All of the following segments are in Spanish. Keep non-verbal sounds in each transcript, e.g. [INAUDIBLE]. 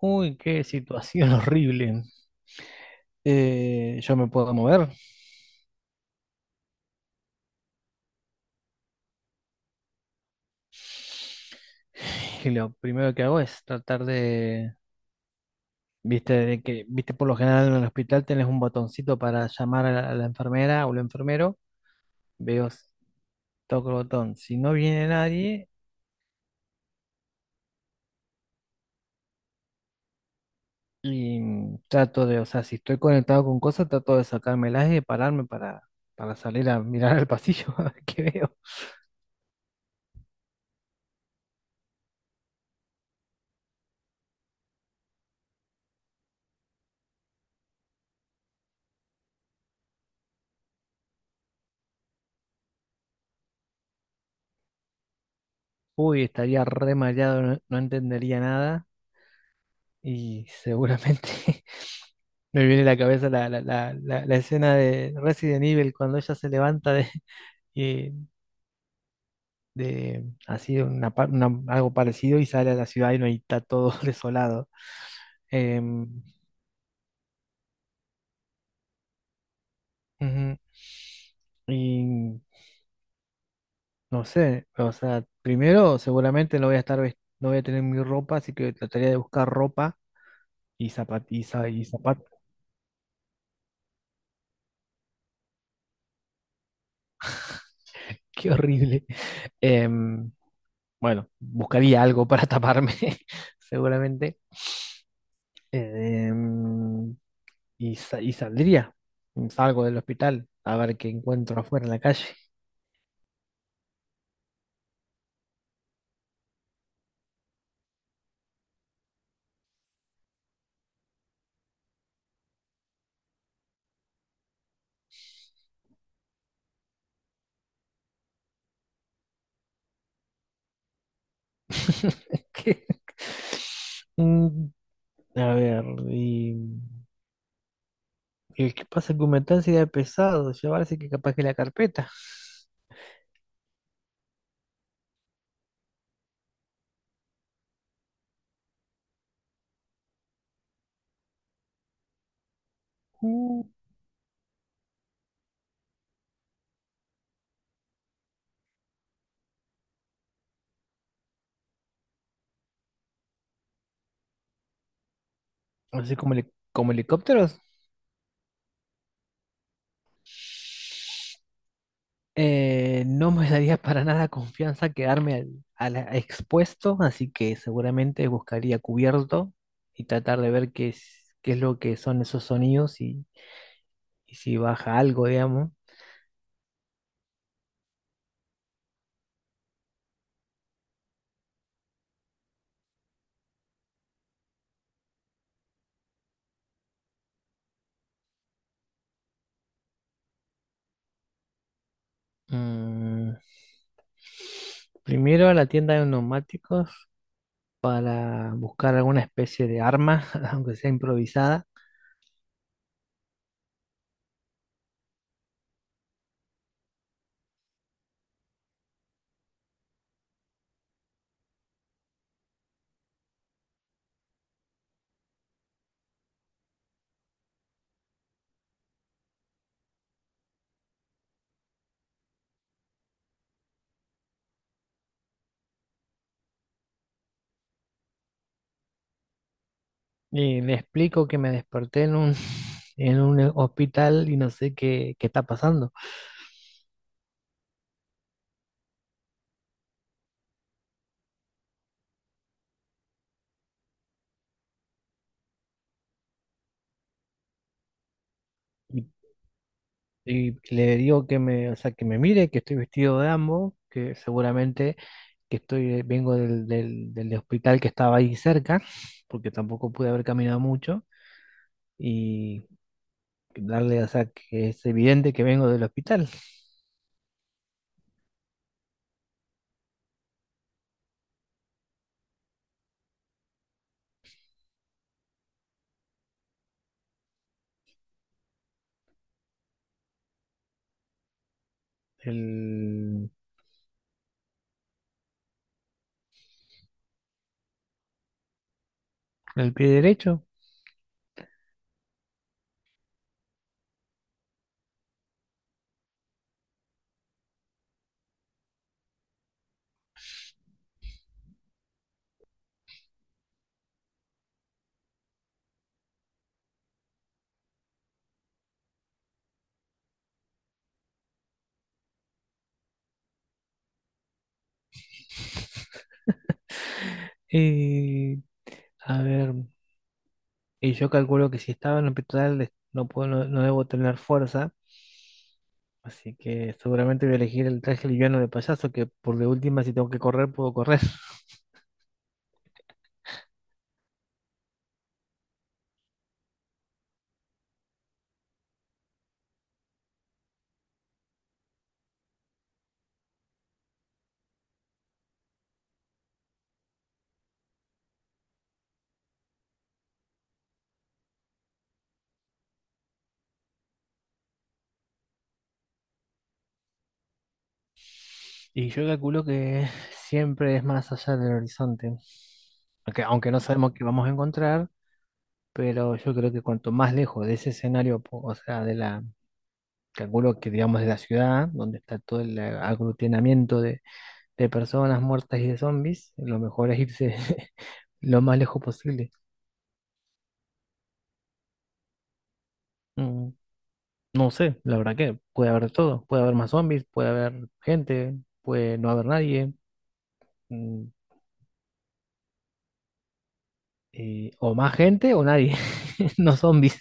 Uy, qué situación [LAUGHS] horrible. Yo me puedo mover y lo primero que hago es tratar de, viste, de que, viste, por lo general en el hospital tenés un botoncito para llamar a a la enfermera o el enfermero. Veo, toco el botón. Si no viene nadie y trato de, o sea, si estoy conectado con cosas, trato de sacármelas y de pararme para salir a mirar al pasillo [LAUGHS] a ver qué veo. Uy, estaría re mareado, no entendería nada. Y seguramente [LAUGHS] me viene a la cabeza la escena de Resident Evil cuando ella se levanta de, [LAUGHS] y- de así de una, algo parecido y sale a la ciudad y no y está todo [LAUGHS] desolado. Em, Ujú. Y no sé, o sea, primero seguramente no voy a estar, no voy a tener mi ropa, así que trataría de buscar ropa y zapatos. [LAUGHS] Qué horrible. Em, Bueno, buscaría algo para taparme, [LAUGHS] seguramente. Em, y, y saldría. Salgo del hospital a ver qué encuentro afuera en la calle. [LAUGHS] ¿Qué? Mm, A ver, y, y qué pasa que aumentar sería pesado, llevarse que capaz que la carpeta. Mm, Así como, como helicópteros. No me daría para nada confianza quedarme al expuesto, así que seguramente buscaría cubierto y tratar de ver qué es lo que son esos sonidos y si baja algo, digamos. Mm, Primero a la tienda de neumáticos para buscar alguna especie de arma, [LAUGHS] aunque sea improvisada. Y le explico que me desperté [LAUGHS] en un hospital y no sé qué, qué está pasando. Y Y le digo que me, o sea, que me mire, que estoy vestido de ambos, que seguramente que estoy, vengo del hospital que estaba ahí cerca, porque tampoco pude haber caminado mucho, y darle, o sea, que es evidente que vengo del hospital, el, el pie derecho. Y a ver, y yo calculo que si estaba en el hospital no puedo, no debo tener fuerza, así que seguramente voy a elegir el traje liviano de payaso, que por de última si tengo que correr puedo correr. Y yo calculo que siempre es más allá del horizonte, aunque no sabemos qué vamos a encontrar, pero yo creo que cuanto más lejos de ese escenario, o sea, de la, calculo que digamos de la ciudad, donde está todo el aglutinamiento de personas muertas y de zombies, lo mejor es irse [LAUGHS] lo más lejos posible. Mm, No sé, la verdad que puede haber de todo, puede haber más zombies, puede haber gente, puede no haber nadie, mm, o más gente o nadie, [LAUGHS] no zombies.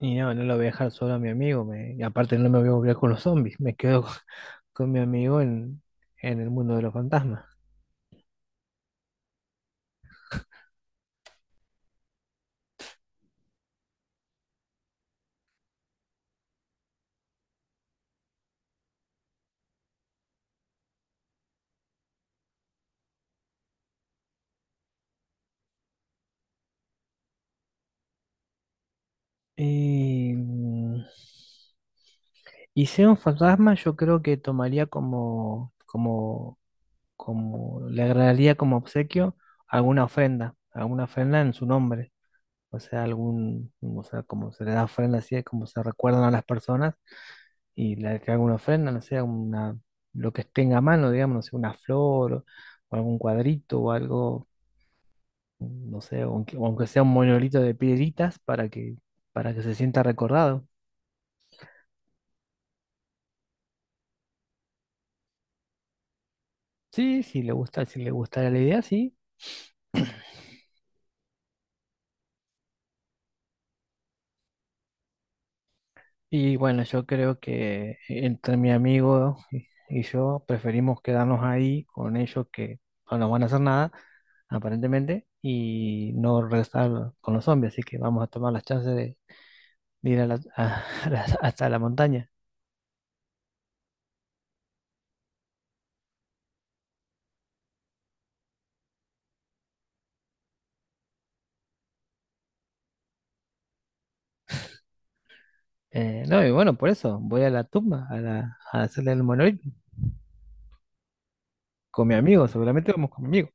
Y no, no lo voy a dejar solo a mi amigo. Me, y aparte no me voy a volver con los zombies. Me quedo con, [LAUGHS] con mi amigo en el mundo de los fantasmas. Y, y sea un fantasma, yo creo que tomaría como le agradaría como obsequio alguna ofrenda en su nombre. O sea, algún, o sea, como se le da ofrenda así, es como se recuerdan a las personas. Y la que haga una ofrenda, no sé, una, lo que tenga a mano, digamos, no sé, una flor o algún cuadrito o algo, no sé, aunque, aunque sea un monolito de piedritas para que se sienta recordado. Sí, sí, le gusta, si le gustara la idea, sí. Y bueno, yo creo que entre mi amigo y yo preferimos quedarnos ahí con ellos que no nos van a hacer nada, aparentemente, y no regresar con los zombies, así que vamos a tomar las chances de ir a [LAUGHS] a hasta la montaña. No, y bueno, por eso voy a la tumba, a hacerle el monolito con mi amigo, seguramente vamos con mi amigo.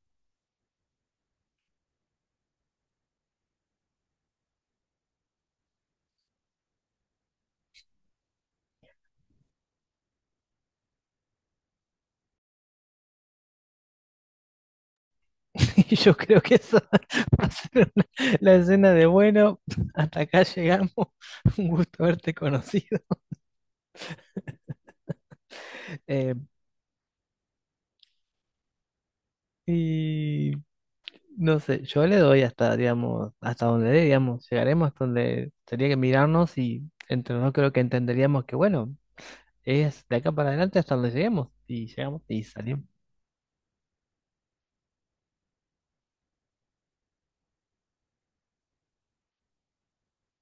[LAUGHS] Y yo creo que eso [LAUGHS] va a ser la escena de bueno, [LAUGHS] hasta acá llegamos, [LAUGHS] un gusto haberte conocido. [LAUGHS] Eh, y no sé, yo le doy hasta, digamos, hasta donde dé, digamos, llegaremos hasta donde tendría que mirarnos y entre nosotros creo que entenderíamos que, bueno, es de acá para adelante hasta donde lleguemos. Y llegamos y salimos.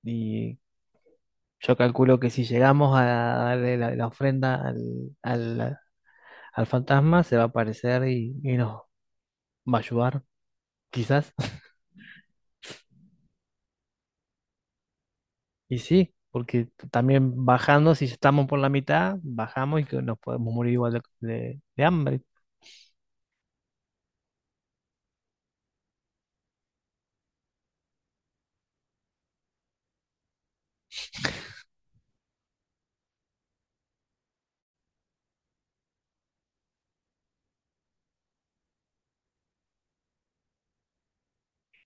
Y Yo calculo que si llegamos a darle la ofrenda al- al fantasma, se va a aparecer y nos va a ayudar, quizás. [LAUGHS] Y sí, porque también bajando, si estamos por la mitad, bajamos y que nos podemos morir igual de, de hambre.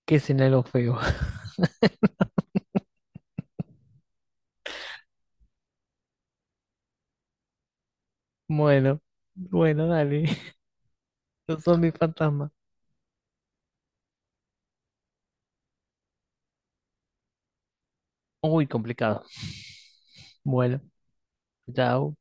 ¿Qué escenario feo? [LAUGHS] Bueno, bueno, dale. [LAUGHS] Los zombies fantasmas. Uy, complicado. Bueno, chao.